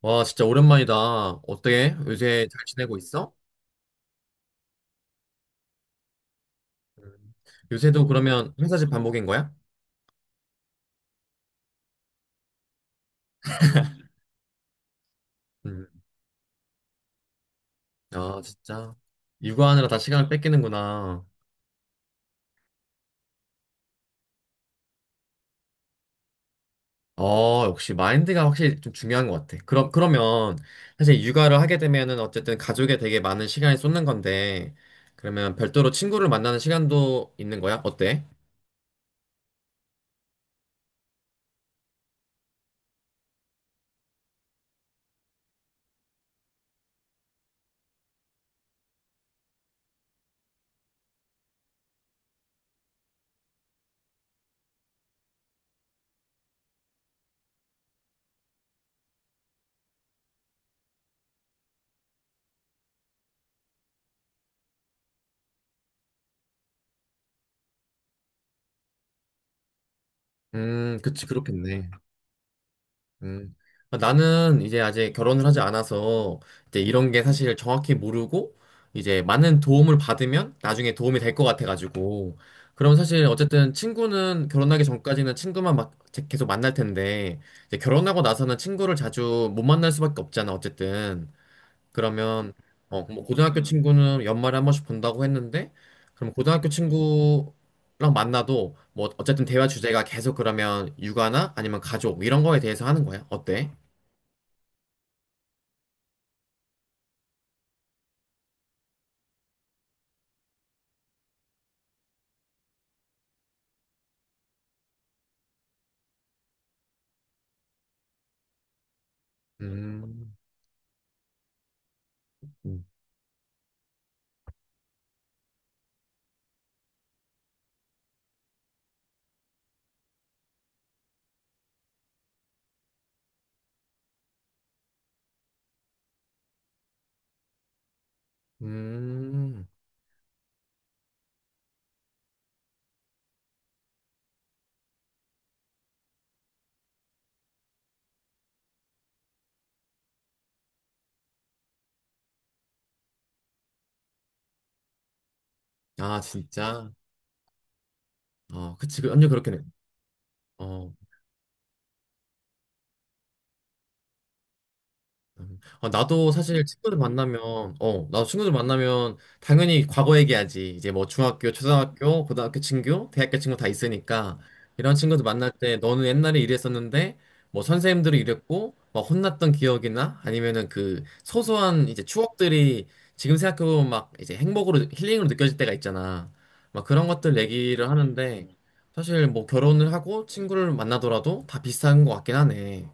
와, 진짜 오랜만이다. 어때? 요새 잘 지내고 있어? 음. 요새도 그러면 회사 집 반복인 거야? 음. 아, 진짜. 육아하느라 다 시간을 뺏기는구나. 어, 역시 마인드가 확실히 좀 중요한 것 같아. 그러면 사실 육아를 하게 되면은 어쨌든 가족에 되게 많은 시간이 쏟는 건데, 그러면 별도로 친구를 만나는 시간도 있는 거야? 어때? 그치, 그렇겠네. 음. 나는 이제 아직 결혼을 하지 않아서 이제 이런 게 사실 정확히 모르고, 이제 많은 도움을 받으면 나중에 도움이 될 것 같아가지고. 그럼 사실 어쨌든 친구는 결혼하기 전까지는 친구만 막 계속 만날 텐데 이제 결혼하고 나서는 친구를 자주 못 만날 수밖에 없잖아, 어쨌든. 그러면 어, 뭐 고등학교 친구는 연말에 한 번씩 본다고 했는데, 그럼 고등학교 친구랑 만나도 뭐 어쨌든 대화 주제가 계속 그러면 육아나 아니면 가족 이런 거에 대해서 하는 거야? 어때? 음. 음. 아, 진짜. 어, 그치. 그 완전 그렇게 돼. 음. 어, 나도 사실 친구들 만나면, 나도 친구들 만나면 당연히 과거 얘기하지. 이제 뭐 중학교, 초등학교, 고등학교 친구, 대학교 친구 다 있으니까 이런 친구들 만날 때 너는 옛날에 이랬었는데 뭐 선생님들이 이랬고 막 혼났던 기억이나 아니면은 그 소소한 이제 추억들이 지금 생각해보면 막 이제 행복으로, 힐링으로 느껴질 때가 있잖아. 막 그런 것들 얘기를 하는데, 사실 뭐 결혼을 하고 친구를 만나더라도 다 비슷한 것 같긴 하네.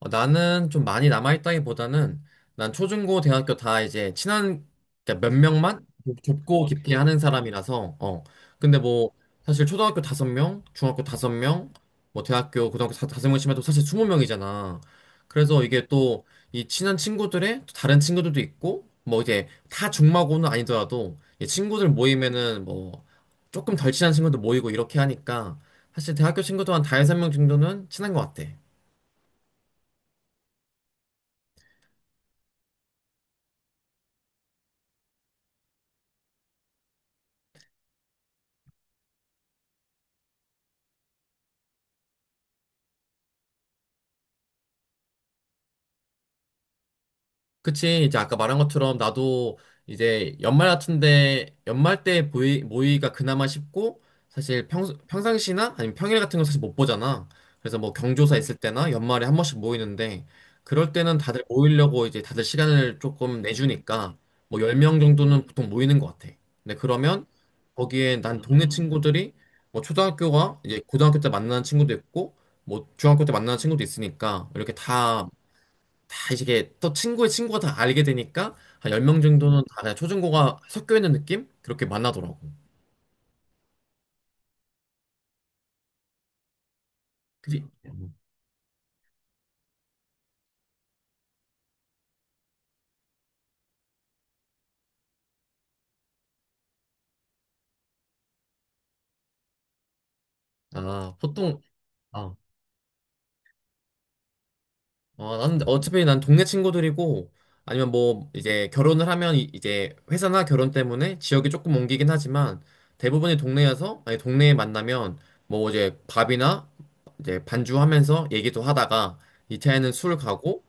어, 나는 좀 많이 남아있다기보다는, 난 초중고 대학교 다 이제 친한, 그러니까 몇 명만 고 어, 깊게 하는 사람이라서. 근데 뭐, 사실 초등학교 5명, 중학교 5명, 뭐 대학교 고등학교 다섯 명씩 해도 사실 20명이잖아. 그래서 이게 또, 이 친한 친구들의 또 다른 친구들도 있고, 뭐 이제 다 중마고는 아니더라도 이 친구들 모이면은 뭐 조금 덜 친한 친구도 모이고 이렇게 하니까, 사실 대학교 친구도 한 5명 정도는 친한 것 같아. 그치, 이제 아까 말한 것처럼 나도 이제 연말 같은데, 연말 때 모의가 그나마 쉽고, 사실 평상시나 아니면 평일 같은 건 사실 못 보잖아. 그래서 뭐 경조사 있을 때나 연말에 한 번씩 모이는데, 그럴 때는 다들 모이려고 이제 다들 시간을 조금 내주니까, 뭐 10명 정도는 보통 모이는 것 같아. 근데 그러면 거기에 난 동네 친구들이 뭐 초등학교가 이제 고등학교 때 만나는 친구도 있고, 뭐 중학교 때 만나는 친구도 있으니까, 이렇게 다 이게 또 친구의 친구가 다 알게 되니까, 한 10명 정도는 다 그냥 초중고가 섞여 있는 느낌? 그렇게 만나더라고. 그리 아, 보통 아, 어, 나는 어차피 난 동네 친구들이고, 아니면 뭐 이제 결혼을 하면 이제 회사나 결혼 때문에 지역이 조금 옮기긴 하지만, 대부분이 동네여서. 아니 동네에 만나면 뭐 이제 밥이나 이제 반주하면서 얘기도 하다가, 이차에는술 가고,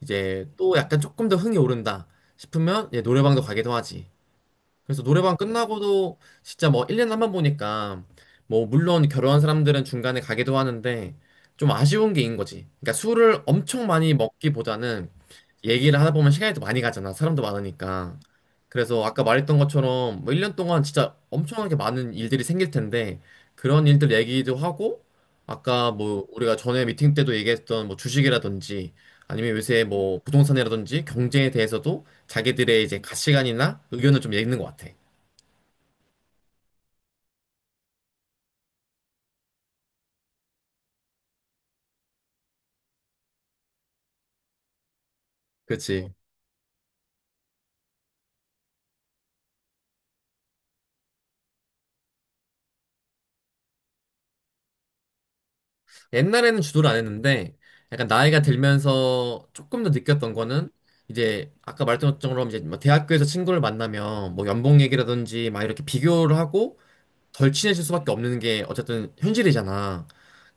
이제 또 약간 조금 더 흥이 오른다 싶으면 이제 노래방도 가기도 하지. 그래서 노래방 끝나고도 진짜 뭐 1년에 한 번 보니까, 뭐 물론 결혼한 사람들은 중간에 가기도 하는데, 좀 아쉬운 게 있는 거지. 그러니까 술을 엄청 많이 먹기보다는 얘기를 하다 보면 시간이 더 많이 가잖아. 사람도 많으니까. 그래서 아까 말했던 것처럼 뭐 1년 동안 진짜 엄청나게 많은 일들이 생길 텐데 그런 일들 얘기도 하고, 아까 뭐 우리가 전에 미팅 때도 얘기했던 뭐 주식이라든지, 아니면 요새 뭐 부동산이라든지 경제에 대해서도 자기들의 이제 가치관이나 의견을 좀 읽는 것 같아. 그렇지. 어, 옛날에는 주도를 안 했는데, 약간 나이가 들면서 조금 더 느꼈던 거는 이제, 아까 말했던 것처럼 이제 뭐 대학교에서 친구를 만나면 뭐 연봉 얘기라든지 막 이렇게 비교를 하고 덜 친해질 수밖에 없는 게 어쨌든 현실이잖아.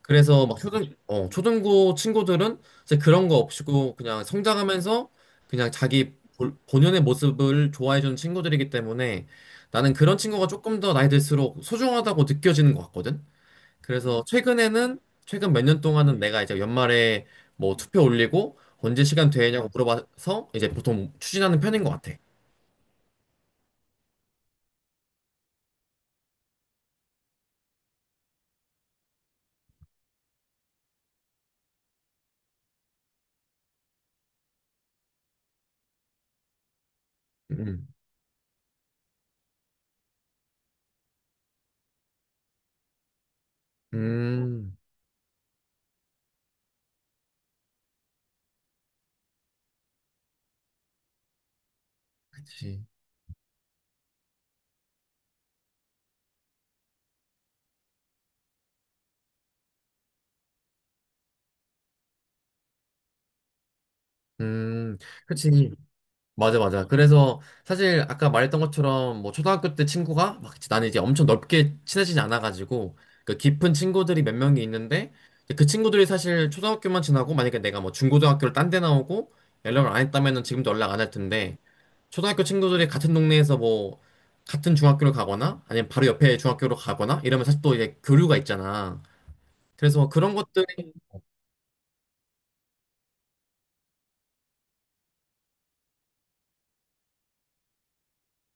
그래서 막 초등부 친구들은 이제 그런 거 없이고 그냥 성장하면서 그냥 자기 본연의 모습을 좋아해주는 친구들이기 때문에, 나는 그런 친구가 조금 더 나이 들수록 소중하다고 느껴지는 것 같거든. 그래서 최근 몇 년 동안은 내가 이제 연말에 뭐 투표 올리고 언제 시간 되냐고 물어봐서 이제 보통 추진하는 편인 것 같아. 음, 음, 그치. 음, 그치. 맞아, 맞아. 그래서 사실 아까 말했던 것처럼 뭐 초등학교 때 친구가 막 이제, 나는 이제 엄청 넓게 친해지지 않아가지고 그 깊은 친구들이 몇 명이 있는데, 그 친구들이 사실 초등학교만 지나고 만약에 내가 뭐 중고등학교를 딴 데 나오고 연락을 안 했다면은 지금도 연락 안 할 텐데, 초등학교 친구들이 같은 동네에서 뭐 같은 중학교를 가거나 아니면 바로 옆에 중학교로 가거나 이러면 사실 또 이제 교류가 있잖아. 그래서 그런 것들.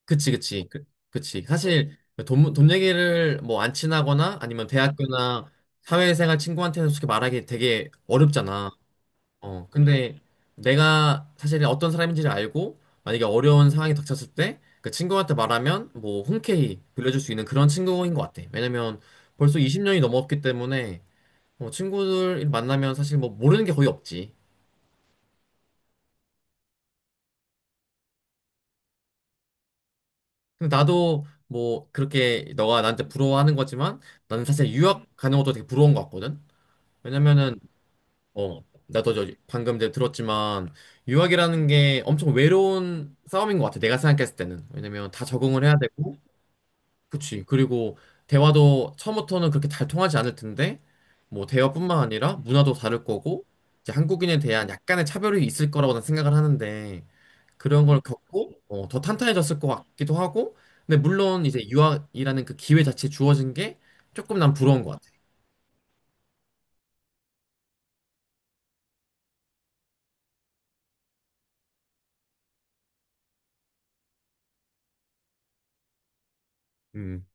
그치, 그치, 그치. 사실 그 돈 얘기를 뭐, 안 친하거나 아니면 대학교나 사회생활 친구한테는 솔직히 말하기 되게 어렵잖아. 어, 근데 내가 사실 어떤 사람인지를 알고 만약에 어려운 상황이 닥쳤을 때 그 친구한테 말하면 뭐 흔쾌히 빌려줄 수 있는 그런 친구인 것 같아. 왜냐면 벌써 20년이 넘었기 때문에, 어, 친구들 만나면 사실 뭐 모르는 게 거의 없지. 근데 나도 뭐 그렇게, 너가 나한테 부러워하는 거지만, 나는 사실 유학 가는 것도 되게 부러운 것 같거든. 왜냐면은 어 나도 방금 이제 들었지만, 유학이라는 게 엄청 외로운 싸움인 것 같아, 내가 생각했을 때는. 왜냐면 다 적응을 해야 되고, 그치. 그리고 대화도 처음부터는 그렇게 잘 통하지 않을 텐데, 뭐 대화뿐만 아니라 문화도 다를 거고, 이제 한국인에 대한 약간의 차별이 있을 거라고는 생각을 하는데, 그런 걸 겪고 어, 더 탄탄해졌을 것 같기도 하고. 근데 물론 이제 유학이라는 그 기회 자체 주어진 게 조금 난 부러운 것 같아. 음.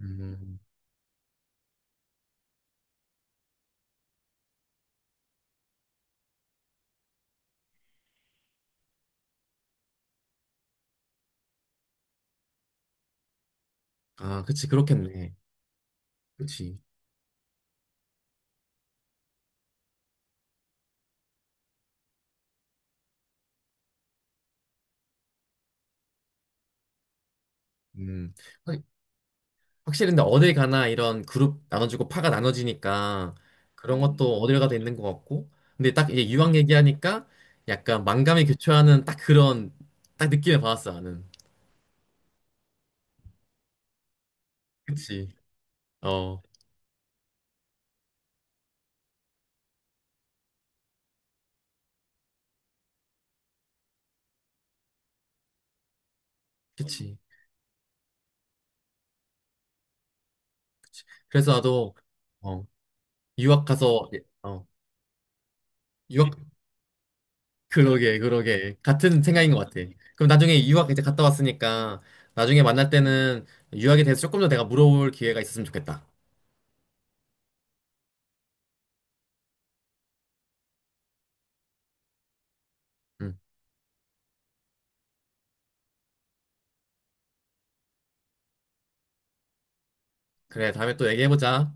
음. 아, 그치, 그렇겠네. 그렇지. 음. 확- 확실히 근데 어딜 가나 이런 그룹 나눠주고 파가 나눠지니까 그런 것도. 음. 어딜 가도 있는 것 같고. 근데 딱 이제 유학 얘기하니까 약간 만감이 교차하는 딱 그런 딱 느낌을 받았어, 나는. 그치. 어, 그치. 그치. 그래서 나도, 어, 유학 가서, 어, 유학, 그러게 그러게, 같은 생각인 것 같아. 그럼 나중에 유학 이제 갔다 왔으니까 나중에 만날 때는 유학에 대해서 조금 더 내가 물어볼 기회가 있었으면 좋겠다. 응. 그래, 다음에 또 얘기해보자.